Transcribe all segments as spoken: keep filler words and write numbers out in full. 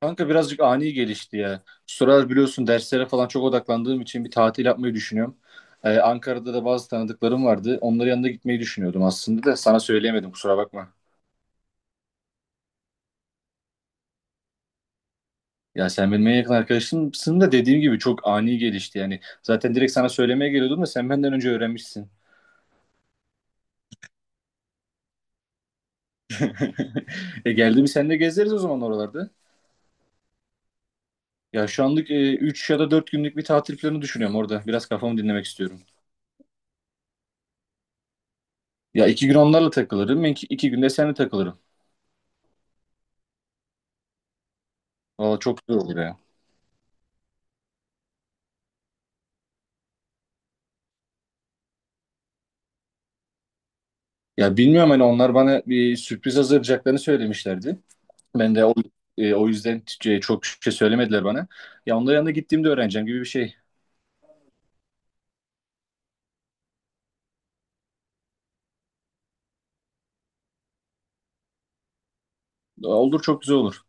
Kanka birazcık ani gelişti ya. Şu sıralar biliyorsun derslere falan çok odaklandığım için bir tatil yapmayı düşünüyorum. Ee, Ankara'da da bazı tanıdıklarım vardı. Onların yanına gitmeyi düşünüyordum aslında da sana söyleyemedim kusura bakma. Ya sen benim en yakın arkadaşımsın da dediğim gibi çok ani gelişti yani. Zaten direkt sana söylemeye geliyordum da sen benden önce öğrenmişsin. E geldi mi sen de gezeriz o zaman oralarda. Ya şu anlık üç ya da dört günlük bir tatil planı düşünüyorum orada. Biraz kafamı dinlemek istiyorum. Ya iki gün onlarla takılırım. iki günde seninle takılırım. Valla çok güzel olur ya. Ya bilmiyorum hani onlar bana bir sürpriz hazırlayacaklarını söylemişlerdi. Ben de o, e, o yüzden t- çok şey söylemediler bana. Ya onların yanına gittiğimde öğreneceğim gibi bir şey. Olur çok güzel olur.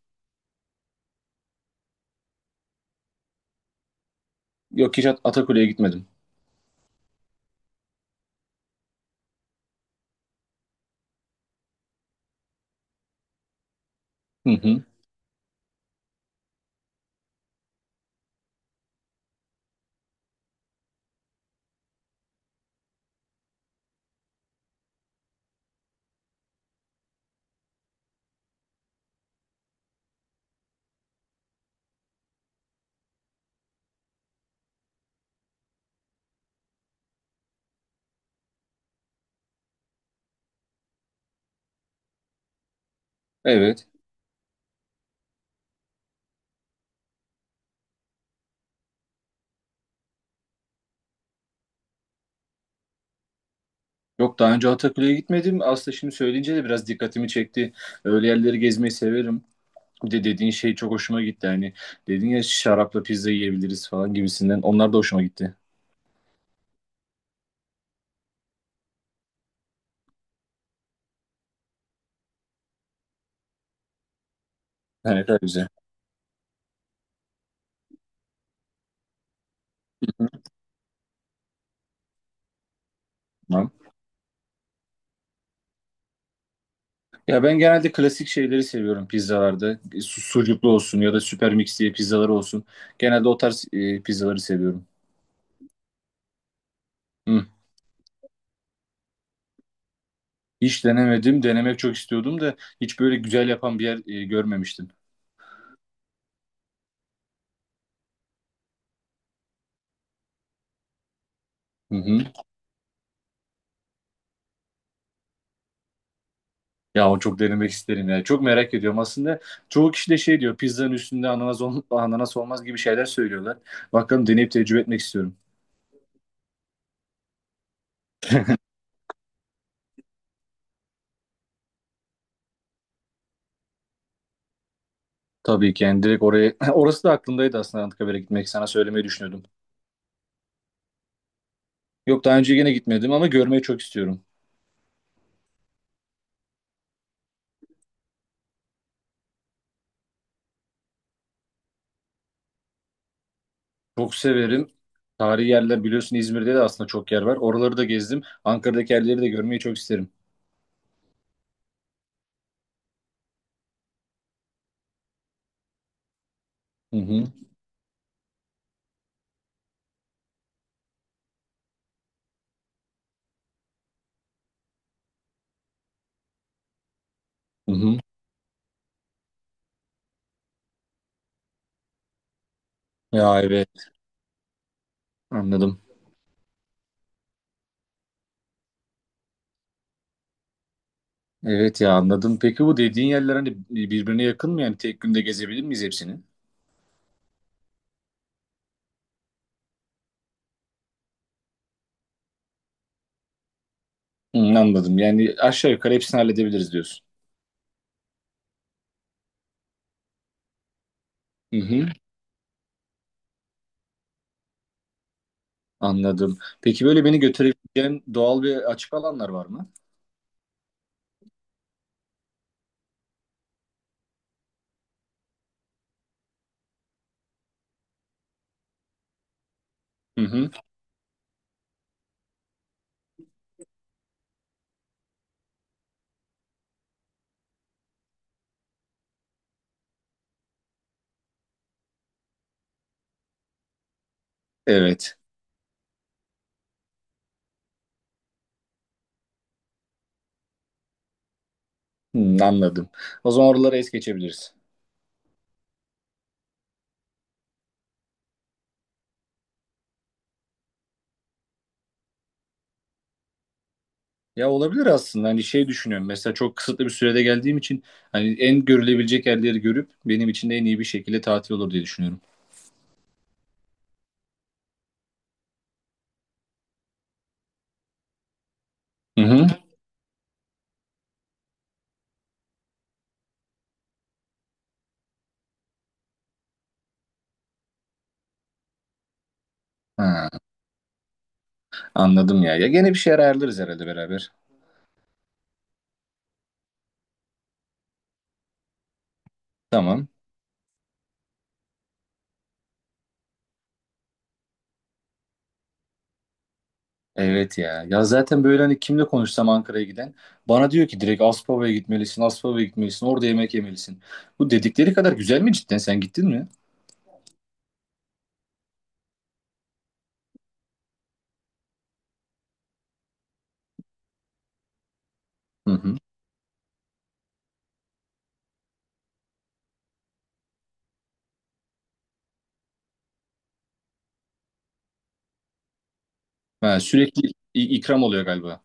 Yok hiç At- Atakule'ye gitmedim. Hı hı. Evet. Yok daha önce Atakule'ye gitmedim. Aslında şimdi söyleyince de biraz dikkatimi çekti. Öyle yerleri gezmeyi severim. Bir de dediğin şey çok hoşuma gitti. Hani dedin ya şarapla pizza yiyebiliriz falan gibisinden. Onlar da hoşuma gitti. Evet, evet, güzel. Ya ben genelde klasik şeyleri seviyorum pizzalarda. E, su- Sucuklu olsun ya da süper mix diye pizzaları olsun. Genelde o tarz e, pizzaları seviyorum. Hı. Hiç denemedim. Denemek çok istiyordum da hiç böyle güzel yapan bir yer e, görmemiştim. Hı hı. Ya o çok denemek isterim ya. Çok merak ediyorum. Aslında çoğu kişi de şey diyor pizzanın üstünde ananas, ol- ananas olmaz gibi şeyler söylüyorlar. Bakalım deneyip tecrübe etmek istiyorum. Tabii ki yani direkt oraya orası da aklımdaydı aslında Anıtkabir'e gitmek sana söylemeyi düşünüyordum. Yok daha önce yine gitmedim ama görmeyi çok istiyorum. Çok severim. Tarihi yerler biliyorsun İzmir'de de aslında çok yer var. Oraları da gezdim. Ankara'daki yerleri de görmeyi çok isterim. Hı hı. Hı hı. Ya evet anladım. Evet ya anladım. Peki bu dediğin yerler hani birbirine yakın mı? Yani tek günde gezebilir miyiz hepsini? Hı, anladım. Yani aşağı yukarı hepsini halledebiliriz diyorsun. Hı hı. Anladım. Peki böyle beni götürebileceğin doğal ve açık alanlar var mı? Hı hı. Evet. Hı, anladım. O zaman oraları es geçebiliriz. Ya olabilir aslında hani şey düşünüyorum mesela çok kısıtlı bir sürede geldiğim için hani en görülebilecek yerleri görüp benim için de en iyi bir şekilde tatil olur diye düşünüyorum. Hı hı. Ha, anladım ya. Ya gene bir şeyler ayarlarız herhalde beraber. Tamam. Evet ya. Ya zaten böyle hani kimle konuşsam Ankara'ya giden bana diyor ki direkt Aspava'ya gitmelisin, Aspava'ya gitmelisin, orada yemek yemelisin. Bu dedikleri kadar güzel mi cidden? Sen gittin mi? Hı hı. Ha, sürekli i- ikram oluyor galiba.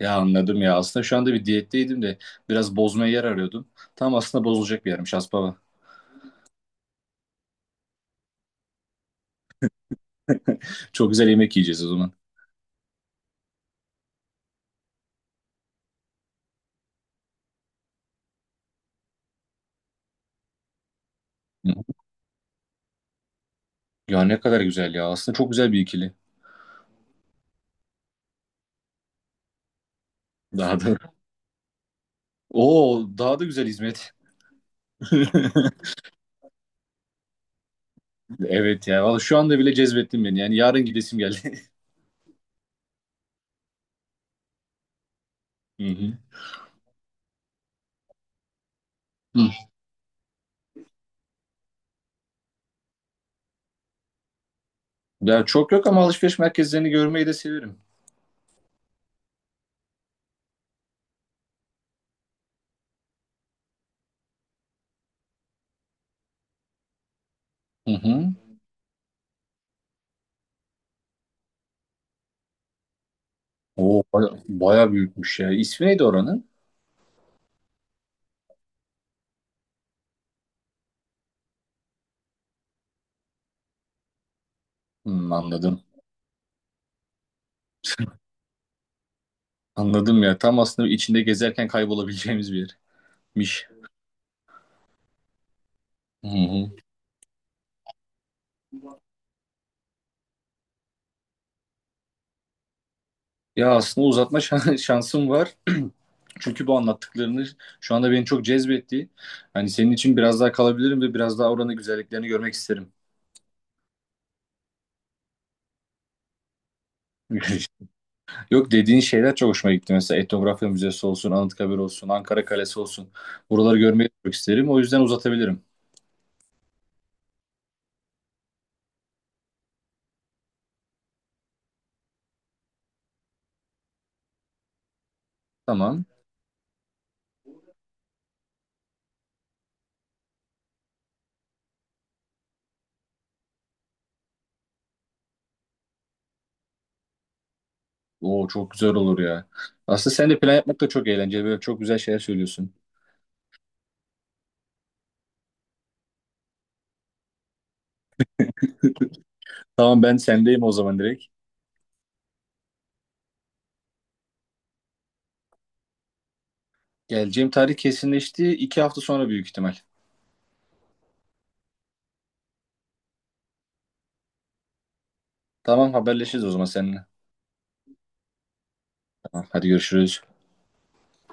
Ya anladım ya. Aslında şu anda bir diyetteydim de biraz bozmaya yer arıyordum. Tam aslında bozulacak bir yermiş Aspava. Çok güzel yemek yiyeceğiz o zaman. Hı. Ya ne kadar güzel ya. Aslında çok güzel bir ikili. Daha da. Oo, daha da güzel hizmet. Evet ya. Valla şu anda bile cezbettin beni. Yani yarın gidesim geldi. Hı hı. Hı. Ya çok yok ama alışveriş merkezlerini görmeyi de severim. Hı hı. Oo, baya, baya büyükmüş ya. İsmi neydi oranın? Hı, anladım. Anladım ya. Tam aslında içinde gezerken kaybolabileceğimiz bir yermiş. Hı hı. Ya aslında uzatma şan- şansım var. Çünkü bu anlattıklarını şu anda beni çok cezbetti. Hani senin için biraz daha kalabilirim ve biraz daha oranın güzelliklerini görmek isterim. Yok dediğin şeyler çok hoşuma gitti. Mesela Etnografya Müzesi olsun, Anıtkabir olsun, Ankara Kalesi olsun. Buraları görmeyi çok isterim. O yüzden uzatabilirim. Tamam. Oo çok güzel olur ya. Aslında sen de plan yapmak da çok eğlenceli. Böyle çok güzel şeyler söylüyorsun. Tamam ben sendeyim o zaman direkt. Geleceğim tarih kesinleşti. İki hafta sonra büyük ihtimal. Tamam haberleşiriz o zaman seninle. Tamam, hadi görüşürüz.